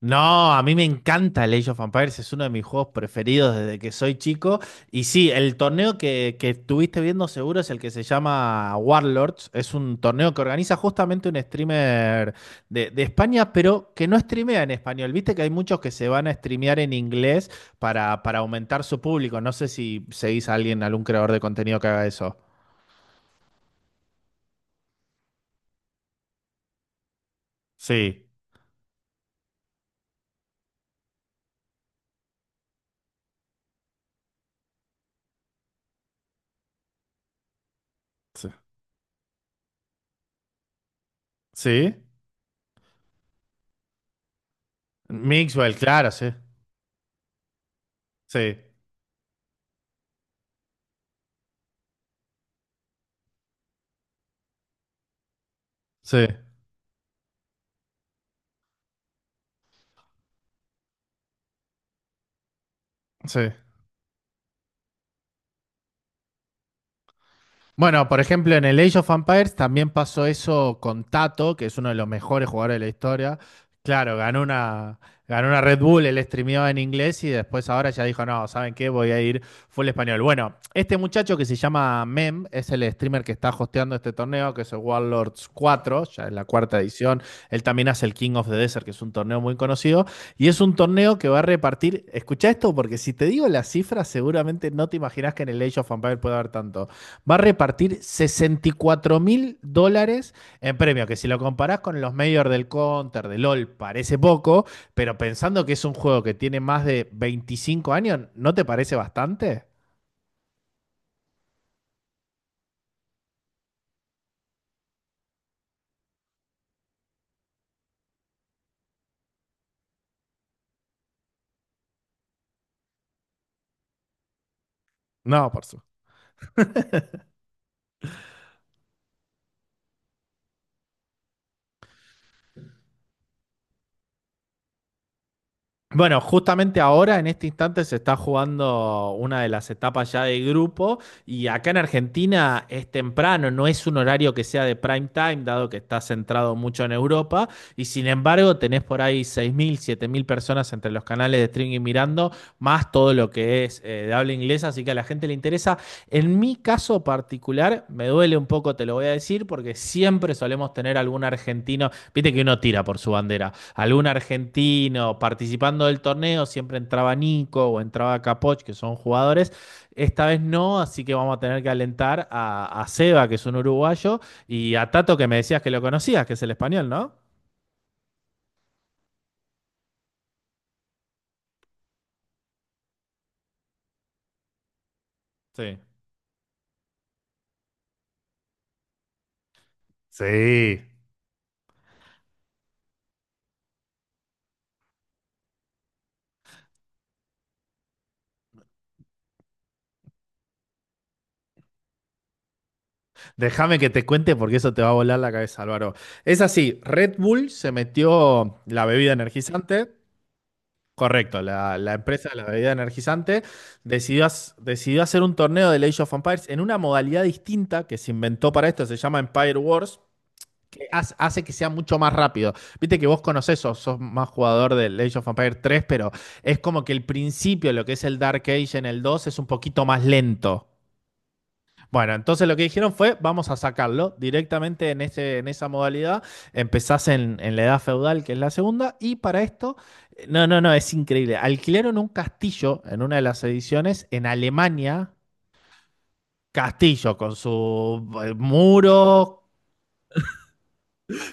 No, a mí me encanta el Age of Empires, es uno de mis juegos preferidos desde que soy chico. Y sí, el torneo que estuviste viendo seguro es el que se llama Warlords. Es un torneo que organiza justamente un streamer de España, pero que no streamea en español. Viste que hay muchos que se van a streamear en inglés para aumentar su público. No sé si seguís a alguien, algún creador de contenido que haga eso. Sí, sí, sí, Mixwell, claro, sí. Sí, sí, sí. Bueno, por ejemplo, en el Age of Empires también pasó eso con Tato, que es uno de los mejores jugadores de la historia. Claro, ganó una Red Bull, él streameaba en inglés y después ahora ya dijo, no, ¿saben qué? Voy a ir full español. Bueno, este muchacho que se llama Mem es el streamer que está hosteando este torneo, que es el Warlords cuatro, ya es la cuarta edición. Él también hace el King of the Desert, que es un torneo muy conocido. Y es un torneo que va a repartir, escucha esto, porque si te digo las cifras, seguramente no te imaginas que en el Age of Empires puede haber tanto, va a repartir $64.000 en premio, que si lo comparás con los mayores del Counter, del LOL, parece poco, pero pensando que es un juego que tiene más de 25 años, ¿no te parece bastante? No, por su- Bueno, justamente ahora, en este instante, se está jugando una de las etapas ya de grupo y acá en Argentina es temprano, no es un horario que sea de prime time, dado que está centrado mucho en Europa y sin embargo tenés por ahí 6.000, 7.000 personas entre los canales de streaming mirando, más todo lo que es de habla inglesa, así que a la gente le interesa. En mi caso particular, me duele un poco, te lo voy a decir, porque siempre solemos tener algún argentino, viste que uno tira por su bandera, algún argentino participando del torneo, siempre entraba Nico o entraba Capoch, que son jugadores. Esta vez no, así que vamos a tener que alentar a Seba, que es un uruguayo, y a Tato, que me decías que lo conocías, que es el español, ¿no? Sí. Sí. Déjame que te cuente porque eso te va a volar la cabeza, Álvaro. Es así, Red Bull se metió la bebida energizante. Correcto, la empresa de la bebida energizante decidió hacer un torneo de Age of Empires en una modalidad distinta que se inventó para esto, se llama Empire Wars, que hace que sea mucho más rápido. Viste que vos conocés, sos más jugador del Age of Empires tres, pero es como que el principio, lo que es el Dark Age en el 2, es un poquito más lento. Bueno, entonces lo que dijeron fue, vamos a sacarlo directamente en, ese, en esa modalidad. Empezás en la edad feudal, que es la segunda, y para esto, no, no, no, es increíble. Alquilaron un castillo en una de las ediciones en Alemania, castillo con su muro,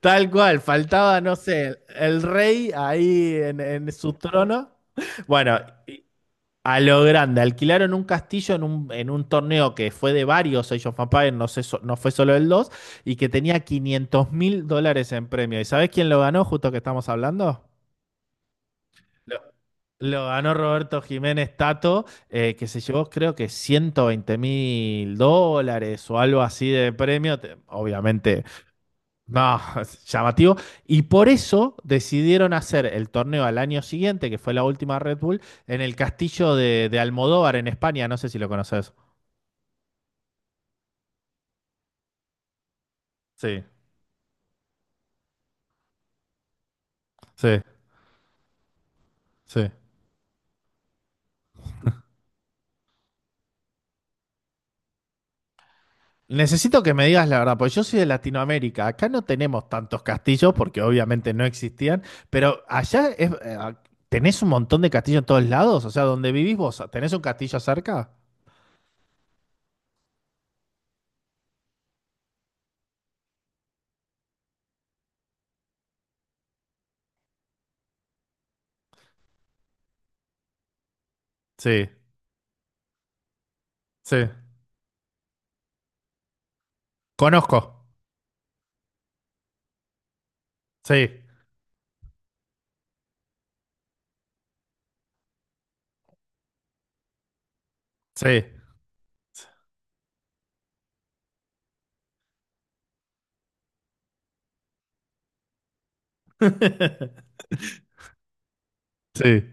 tal cual, faltaba, no sé, el rey ahí en su trono. Bueno, y, A lo grande, alquilaron un castillo en un torneo que fue de varios Age of Empires, no sé, so- no fue solo el 2 y que tenía $500.000 en premio. ¿Y sabés quién lo ganó, justo que estamos hablando? Lo, lo ganó Roberto Jiménez Tato, que se llevó creo que $120.000 o algo así de premio. Te- Obviamente no, es llamativo. Y por eso decidieron hacer el torneo al año siguiente, que fue la última Red Bull, en el castillo de Almodóvar en España. No sé si lo conoces. Sí. Sí, sí. Necesito que me digas la verdad, porque yo soy de Latinoamérica. Acá no tenemos tantos castillos, porque obviamente no existían, pero allá tenés un montón de castillos en todos lados. O sea, donde vivís vos, ¿tenés un castillo cerca? Sí, sí, conozco. Sí, sí. Sí.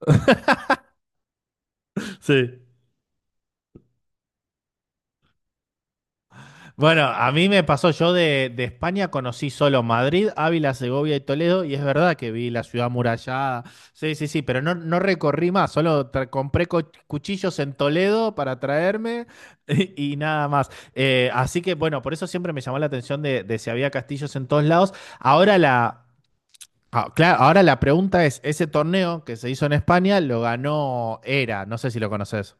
Sí. Bueno, a mí me pasó, yo de España conocí solo Madrid, Ávila, Segovia y Toledo, y es verdad que vi la ciudad murallada, sí, sí, sí, pero no, no recorrí más, solo tra- compré co- cuchillos en Toledo para traerme y nada más. Así que bueno, por eso siempre me llamó la atención de si había castillos en todos lados. Ahora la, claro, ahora la pregunta es, ese torneo que se hizo en España lo ganó Era, no sé si lo conoces.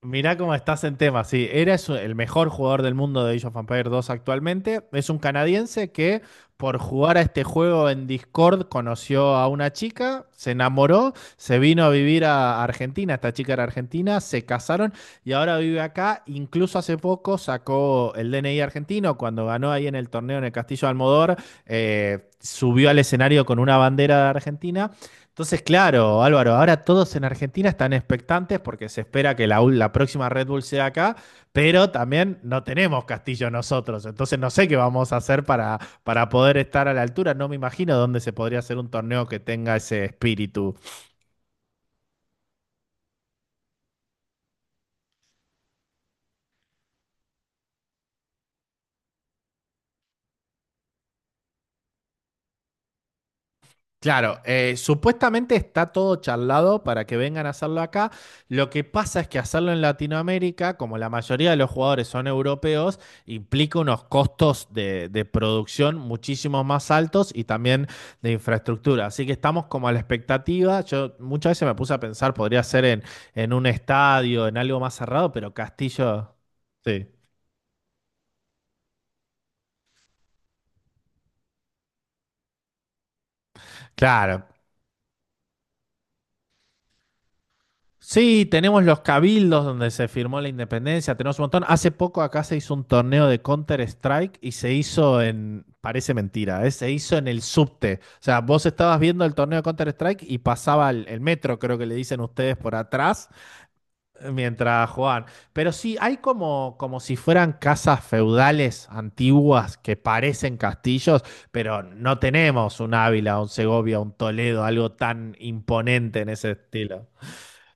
Mirá cómo estás en tema. Sí, eres el mejor jugador del mundo de Age of Empires dos actualmente. Es un canadiense que por jugar a este juego en Discord conoció a una chica, se enamoró, se vino a vivir a Argentina. Esta chica era argentina, se casaron y ahora vive acá. Incluso hace poco sacó el DNI argentino cuando ganó ahí en el torneo en el Castillo de Almodóvar. Subió al escenario con una bandera de Argentina. Entonces, claro, Álvaro, ahora todos en Argentina están expectantes porque se espera que la próxima Red Bull sea acá, pero también no tenemos Castillo nosotros. Entonces, no sé qué vamos a hacer para poder estar a la altura. No me imagino dónde se podría hacer un torneo que tenga ese espíritu. Claro, supuestamente está todo charlado para que vengan a hacerlo acá. Lo que pasa es que hacerlo en Latinoamérica, como la mayoría de los jugadores son europeos, implica unos costos de producción muchísimo más altos y también de infraestructura. Así que estamos como a la expectativa. Yo muchas veces me puse a pensar, podría ser en un estadio, en algo más cerrado, pero Castillo, sí, claro. Sí, tenemos los cabildos donde se firmó la independencia, tenemos un montón. Hace poco acá se hizo un torneo de Counter-Strike y se hizo en, parece mentira, ¿eh? Se hizo en el subte. O sea, vos estabas viendo el torneo de Counter-Strike y pasaba el metro, creo que le dicen ustedes, por atrás mientras jugaban. Pero sí, hay como, como si fueran casas feudales antiguas que parecen castillos, pero no tenemos un Ávila, un Segovia, un Toledo, algo tan imponente en ese estilo.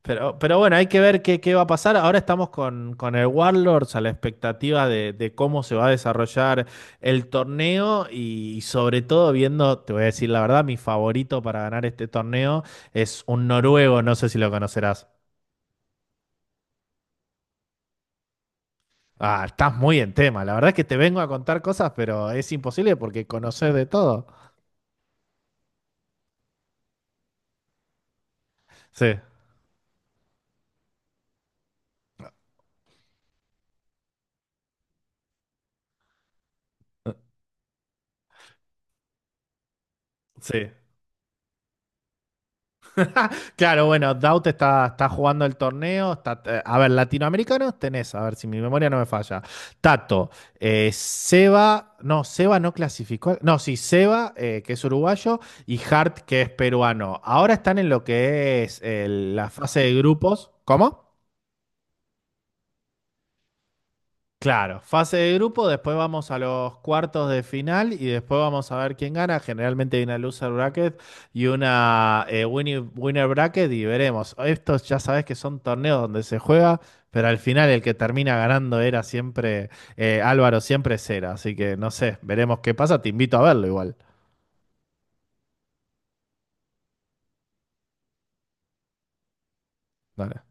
Pero bueno, hay que ver qué va a pasar. Ahora estamos con el Warlords a la expectativa de cómo se va a desarrollar el torneo y, sobre todo viendo, te voy a decir la verdad, mi favorito para ganar este torneo es un noruego, no sé si lo conocerás. Ah, estás muy en tema. La verdad es que te vengo a contar cosas, pero es imposible porque conoces de todo. Sí, sí. Claro, bueno, Daut está jugando el torneo. A ver, latinoamericanos tenés, a ver si mi memoria no me falla. Tato, Seba no clasificó. No, sí, Seba, que es uruguayo, y Hart, que es peruano. Ahora están en lo que es la fase de grupos. ¿Cómo? Claro, fase de grupo, después vamos a los cuartos de final y después vamos a ver quién gana. Generalmente hay una loser bracket y una winner bracket y veremos. Estos ya sabes que son torneos donde se juega, pero al final el que termina ganando era siempre Álvaro, siempre Cera. Así que no sé, veremos qué pasa. Te invito a verlo igual. Dale.